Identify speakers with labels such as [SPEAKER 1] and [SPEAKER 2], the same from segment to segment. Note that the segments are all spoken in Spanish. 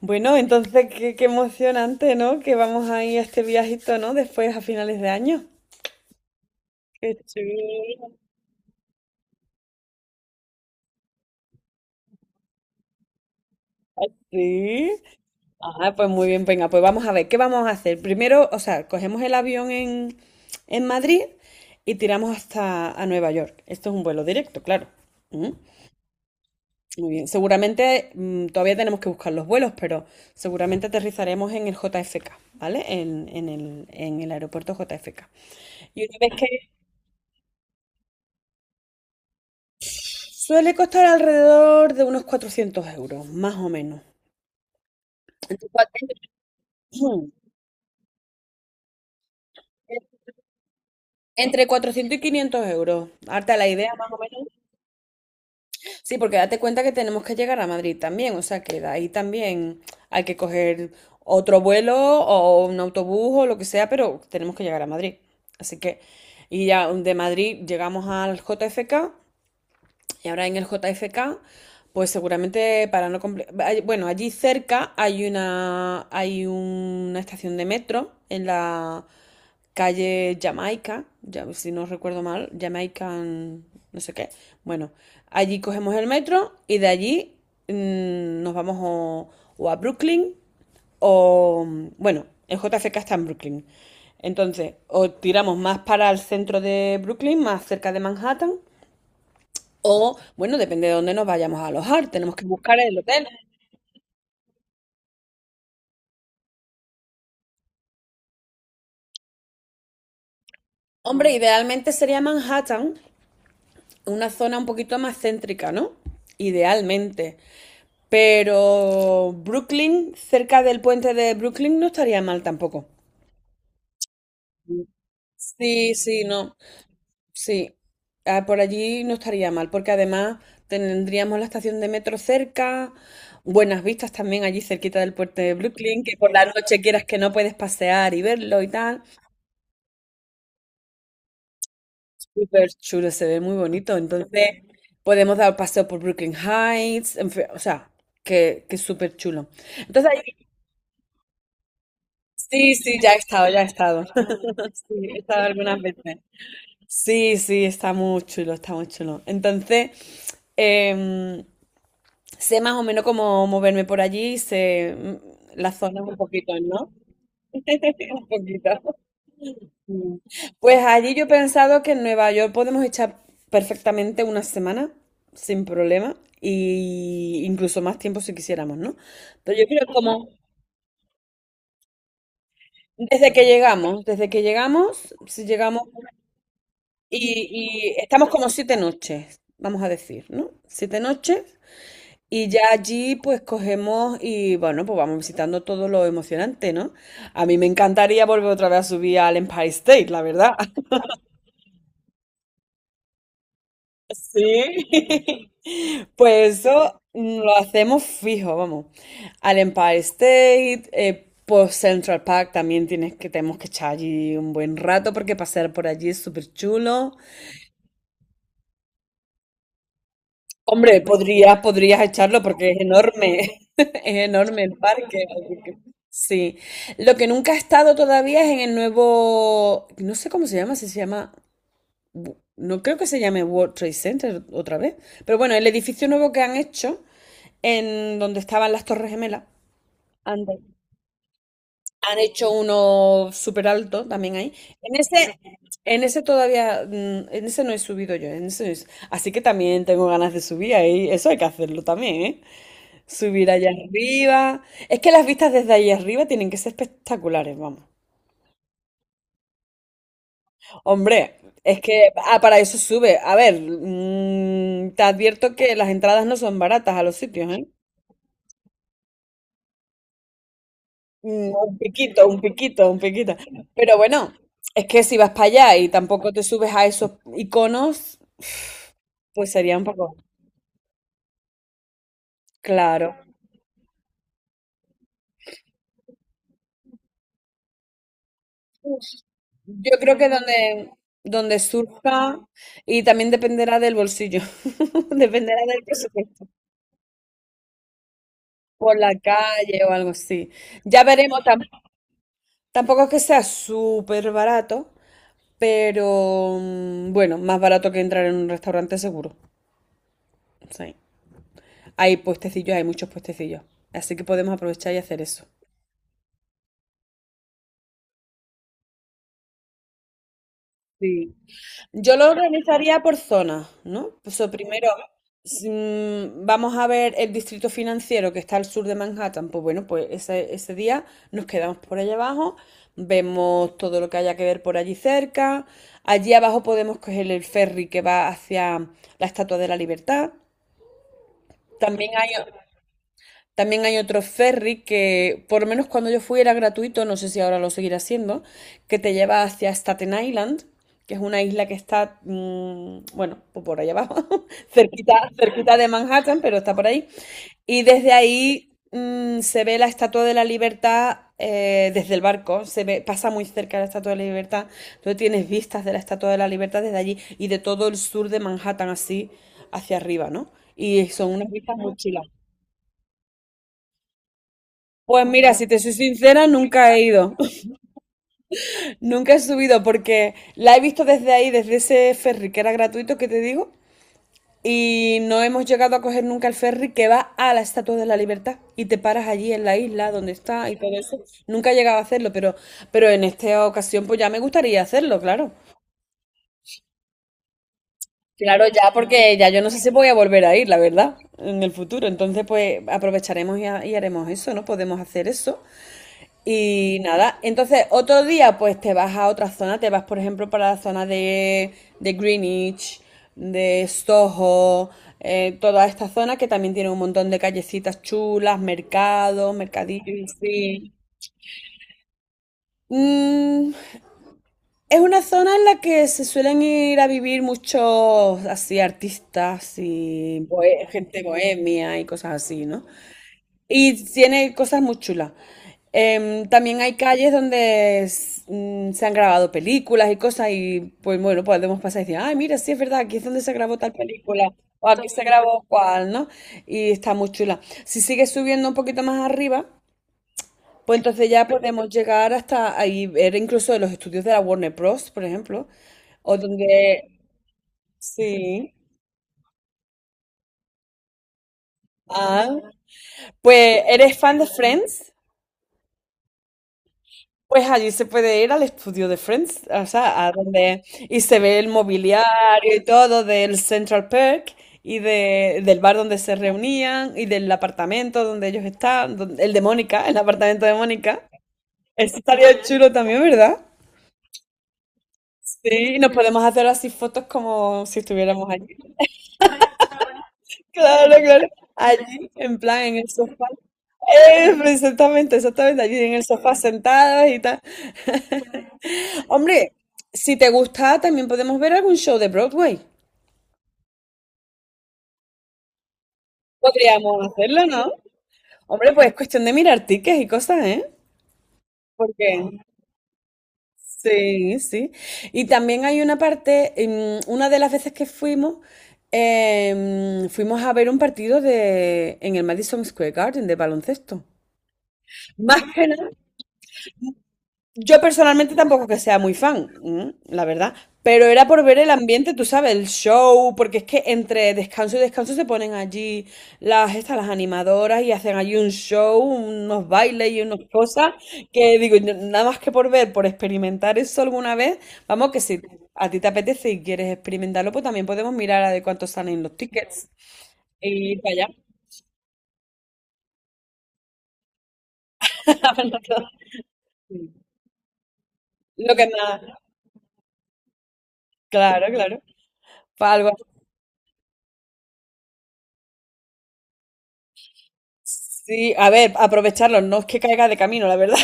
[SPEAKER 1] Bueno, entonces qué, qué emocionante, ¿no? Que vamos a ir a este viajito, ¿no? Después a finales de año. Qué chulo. Ah, sí. Ah, pues muy bien, venga, pues vamos a ver, ¿qué vamos a hacer? Primero, o sea, cogemos el avión en Madrid y tiramos hasta a Nueva York. Esto es un vuelo directo, claro. Mm, muy bien, seguramente todavía tenemos que buscar los vuelos, pero seguramente aterrizaremos en el JFK, ¿vale? En el aeropuerto JFK. Y una vez que suele costar alrededor de unos 400 euros, más o menos. Ujú. Entre 400 y 500 euros. Harta la idea, más o menos. Sí, porque date cuenta que tenemos que llegar a Madrid también, o sea que de ahí también hay que coger otro vuelo o un autobús o lo que sea, pero tenemos que llegar a Madrid. Así que, y ya de Madrid llegamos al JFK. Y ahora en el JFK, pues seguramente para no comple- bueno, allí cerca hay una estación de metro en la calle Jamaica, ya si no recuerdo mal, Jamaican no sé qué. Bueno, allí cogemos el metro y de allí, nos vamos o a Brooklyn o bueno, el JFK está en Brooklyn. Entonces, o tiramos más para el centro de Brooklyn, más cerca de Manhattan, o, bueno, depende de dónde nos vayamos a alojar, tenemos que buscar el hotel. Hombre, idealmente sería Manhattan, una zona un poquito más céntrica, ¿no? Idealmente. Pero Brooklyn, cerca del puente de Brooklyn, no estaría mal tampoco. Sí, sí, no. Sí, ah, por allí no estaría mal, porque además tendríamos la estación de metro cerca, buenas vistas también allí cerquita del puente de Brooklyn, que por la noche quieras que no puedes pasear y verlo y tal. Súper chulo, se ve muy bonito. Entonces, podemos dar paseo por Brooklyn Heights, en fin, o sea, que es súper chulo. Entonces, ahí- sí, sí, ya he estado, ya he estado. Sí, he estado algunas veces. Sí, sí, está muy chulo, está muy chulo. Entonces, em, sé más o menos cómo moverme por allí, sé, las zonas un poquito, ¿no? Un poquito. Mm. Pues allí yo he pensado que en Nueva York podemos echar perfectamente una semana sin problema y incluso más tiempo si quisiéramos, ¿no? Pero yo creo como desde que llegamos, si llegamos y estamos como 7 noches, vamos a decir, ¿no? 7 noches y ya allí pues cogemos y bueno, pues vamos visitando todo lo emocionante, ¿no? A mí me encantaría volver otra vez a subir al Empire State, la verdad. Sí, pues eso, lo hacemos fijo, vamos. Al Empire State, por Central Park también tenemos que echar allí un buen rato porque pasear por allí es súper chulo. Hombre, podrías echarlo porque es enorme, es enorme el parque. Así que sí. Lo que nunca he estado todavía es en el nuevo, no sé cómo se llama, si se llama, no creo que se llame World Trade Center otra vez, pero bueno, el edificio nuevo que han hecho en donde estaban las Torres Gemelas, antes. Han hecho uno súper alto también ahí. En ese, en ese no he subido yo, en ese no he su- así que también tengo ganas de subir ahí. Eso hay que hacerlo también, ¿eh? Subir allá arriba. Es que las vistas desde ahí arriba tienen que ser espectaculares, vamos. Hombre, es que para eso sube. A ver, te advierto que las entradas no son baratas a los sitios, ¿eh? Mm, un piquito, un piquito, un piquito. Pero bueno, es que si vas para allá y tampoco te subes a esos iconos, pues sería un poco, claro. Yo creo que donde surja, y también dependerá del bolsillo, dependerá del presupuesto, por la calle o algo así. Ya veremos, tam- tampoco es que sea súper barato, pero, bueno, más barato que entrar en un restaurante seguro. Sí. Hay puestecillos, hay muchos puestecillos. Así que podemos aprovechar y hacer eso. Sí. Yo lo organizaría por zonas, ¿no? Pues o sea, primero si, vamos a ver el distrito financiero que está al sur de Manhattan. Pues bueno, pues ese día nos quedamos por allá abajo, vemos todo lo que haya que ver por allí cerca. Allí abajo podemos coger el ferry que va hacia la Estatua de la Libertad. También hay También hay otro ferry que, por lo menos cuando yo fui, era gratuito, no sé si ahora lo seguirá siendo, que te lleva hacia Staten Island, que es una isla que está, bueno, pues por allá abajo, cerquita, cerquita de Manhattan, pero está por ahí. Y desde ahí, se ve la Estatua de la Libertad, desde el barco, se ve, pasa muy cerca la Estatua de la Libertad, entonces tienes vistas de la Estatua de la Libertad desde allí y de todo el sur de Manhattan así hacia arriba, ¿no? Y son unas vistas muy chulas. Pues mira, si te soy sincera, nunca he ido. Nunca he subido porque la he visto desde ahí, desde ese ferry que era gratuito que te digo. Y no hemos llegado a coger nunca el ferry que va a la Estatua de la Libertad y te paras allí en la isla donde está y todo eso. Nunca he llegado a hacerlo, pero en esta ocasión pues ya me gustaría hacerlo, claro. Claro, ya porque ya yo no sé si voy a volver a ir, la verdad, en el futuro. Entonces pues aprovecharemos y, y haremos eso, ¿no? Podemos hacer eso. Y nada, entonces otro día pues te vas a otra zona, te vas por ejemplo para la zona de Greenwich, de Soho, toda esta zona que también tiene un montón de callecitas chulas, mercados, mercadillos y así. Mm, es una zona en la que se suelen ir a vivir muchos así artistas y gente bohemia y cosas así, ¿no? Y tiene cosas muy chulas. Em, también hay calles donde se han grabado películas y cosas y pues bueno, podemos pasar y decir, ay, mira, sí es verdad, aquí es donde se grabó tal película o aquí se grabó cual, ¿no? Y está muy chula. Si sigues subiendo un poquito más arriba, pues entonces ya podemos llegar hasta ahí, ver incluso de los estudios de la Warner Bros., por ejemplo, o donde... Sí. Ah, pues, ¿eres fan de Friends? Pues allí se puede ir al estudio de Friends, o sea, a donde y se ve el mobiliario y todo del Central Park y del bar donde se reunían y del apartamento donde ellos están, el de Mónica, el apartamento de Mónica. Eso estaría chulo también, ¿verdad? Sí, y nos podemos hacer así fotos como si estuviéramos allí. Claro, claro. Allí, en plan, en el sofá. Exactamente, exactamente, allí en el sofá sentadas y tal. Hombre, si te gusta, también podemos ver algún show de Broadway. Podríamos hacerlo, ¿no? Hombre, pues es cuestión de mirar tickets y cosas, ¿eh? Porque sí, sí. Y también hay una parte, una de las veces que fuimos, fuimos a ver un partido de en el Madison Square Garden de baloncesto. Más que nada, yo personalmente tampoco que sea muy fan, la verdad, pero era por ver el ambiente, tú sabes, el show, porque es que entre descanso y descanso se ponen allí las estas, las animadoras y hacen allí un show, unos bailes y unas cosas que digo, yo nada más que por ver, por experimentar eso alguna vez, vamos que si a ti te apetece y quieres experimentarlo, pues también podemos mirar a de cuánto salen los tickets y ir para allá. Lo que nada, claro, claro. Para algo así, a ver, aprovecharlo, no es que caiga de camino, la verdad.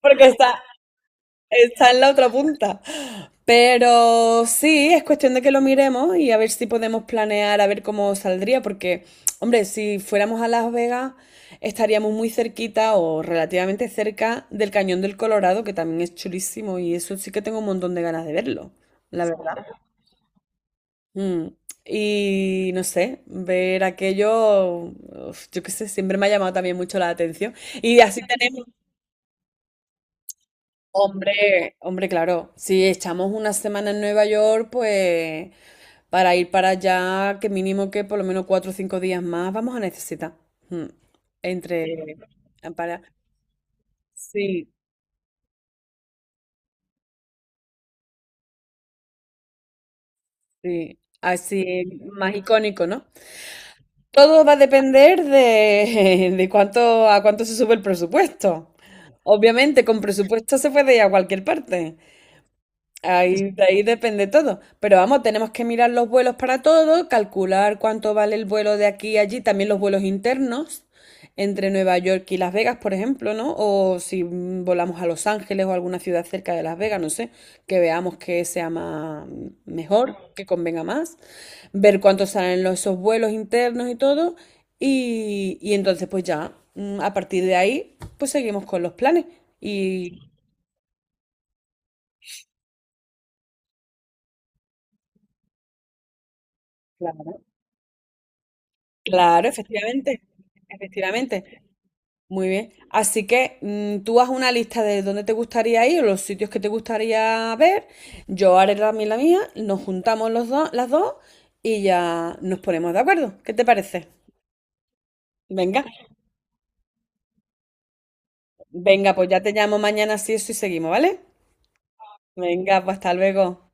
[SPEAKER 1] Porque está, está en la otra punta. Pero sí, es cuestión de que lo miremos y a ver si podemos planear, a ver cómo saldría, porque, hombre, si fuéramos a Las Vegas, estaríamos muy cerquita o relativamente cerca del Cañón del Colorado, que también es chulísimo y eso sí que tengo un montón de ganas de verlo, la verdad. Mm, y no sé, ver aquello, uf, yo qué sé, siempre me ha llamado también mucho la atención. Y así tenemos... Hombre, hombre, claro. Si echamos una semana en Nueva York, pues para ir para allá, que mínimo que por lo menos cuatro o cinco días más vamos a necesitar. Mm. Entre para. Sí, sí. Así más icónico, ¿no? Todo va a depender de, de cuánto a cuánto se sube el presupuesto. Obviamente, con presupuesto se puede ir a cualquier parte. Ahí, de ahí depende todo. Pero vamos, tenemos que mirar los vuelos para todo, calcular cuánto vale el vuelo de aquí a allí, también los vuelos internos entre Nueva York y Las Vegas, por ejemplo, ¿no? O si, volamos a Los Ángeles o alguna ciudad cerca de Las Vegas, no sé, que veamos que sea más mejor, que convenga más, ver cuánto salen los, esos vuelos internos y todo, y entonces pues ya, a partir de ahí, pues seguimos con los planes. Y claro. Claro, efectivamente, efectivamente. Muy bien. Así que, tú haz una lista de dónde te gustaría ir, los sitios que te gustaría ver. Yo haré también la mía, nos juntamos las dos y ya nos ponemos de acuerdo. ¿Qué te parece? Venga, venga, pues ya te llamo mañana si eso y seguimos, ¿vale? Venga, pues hasta luego.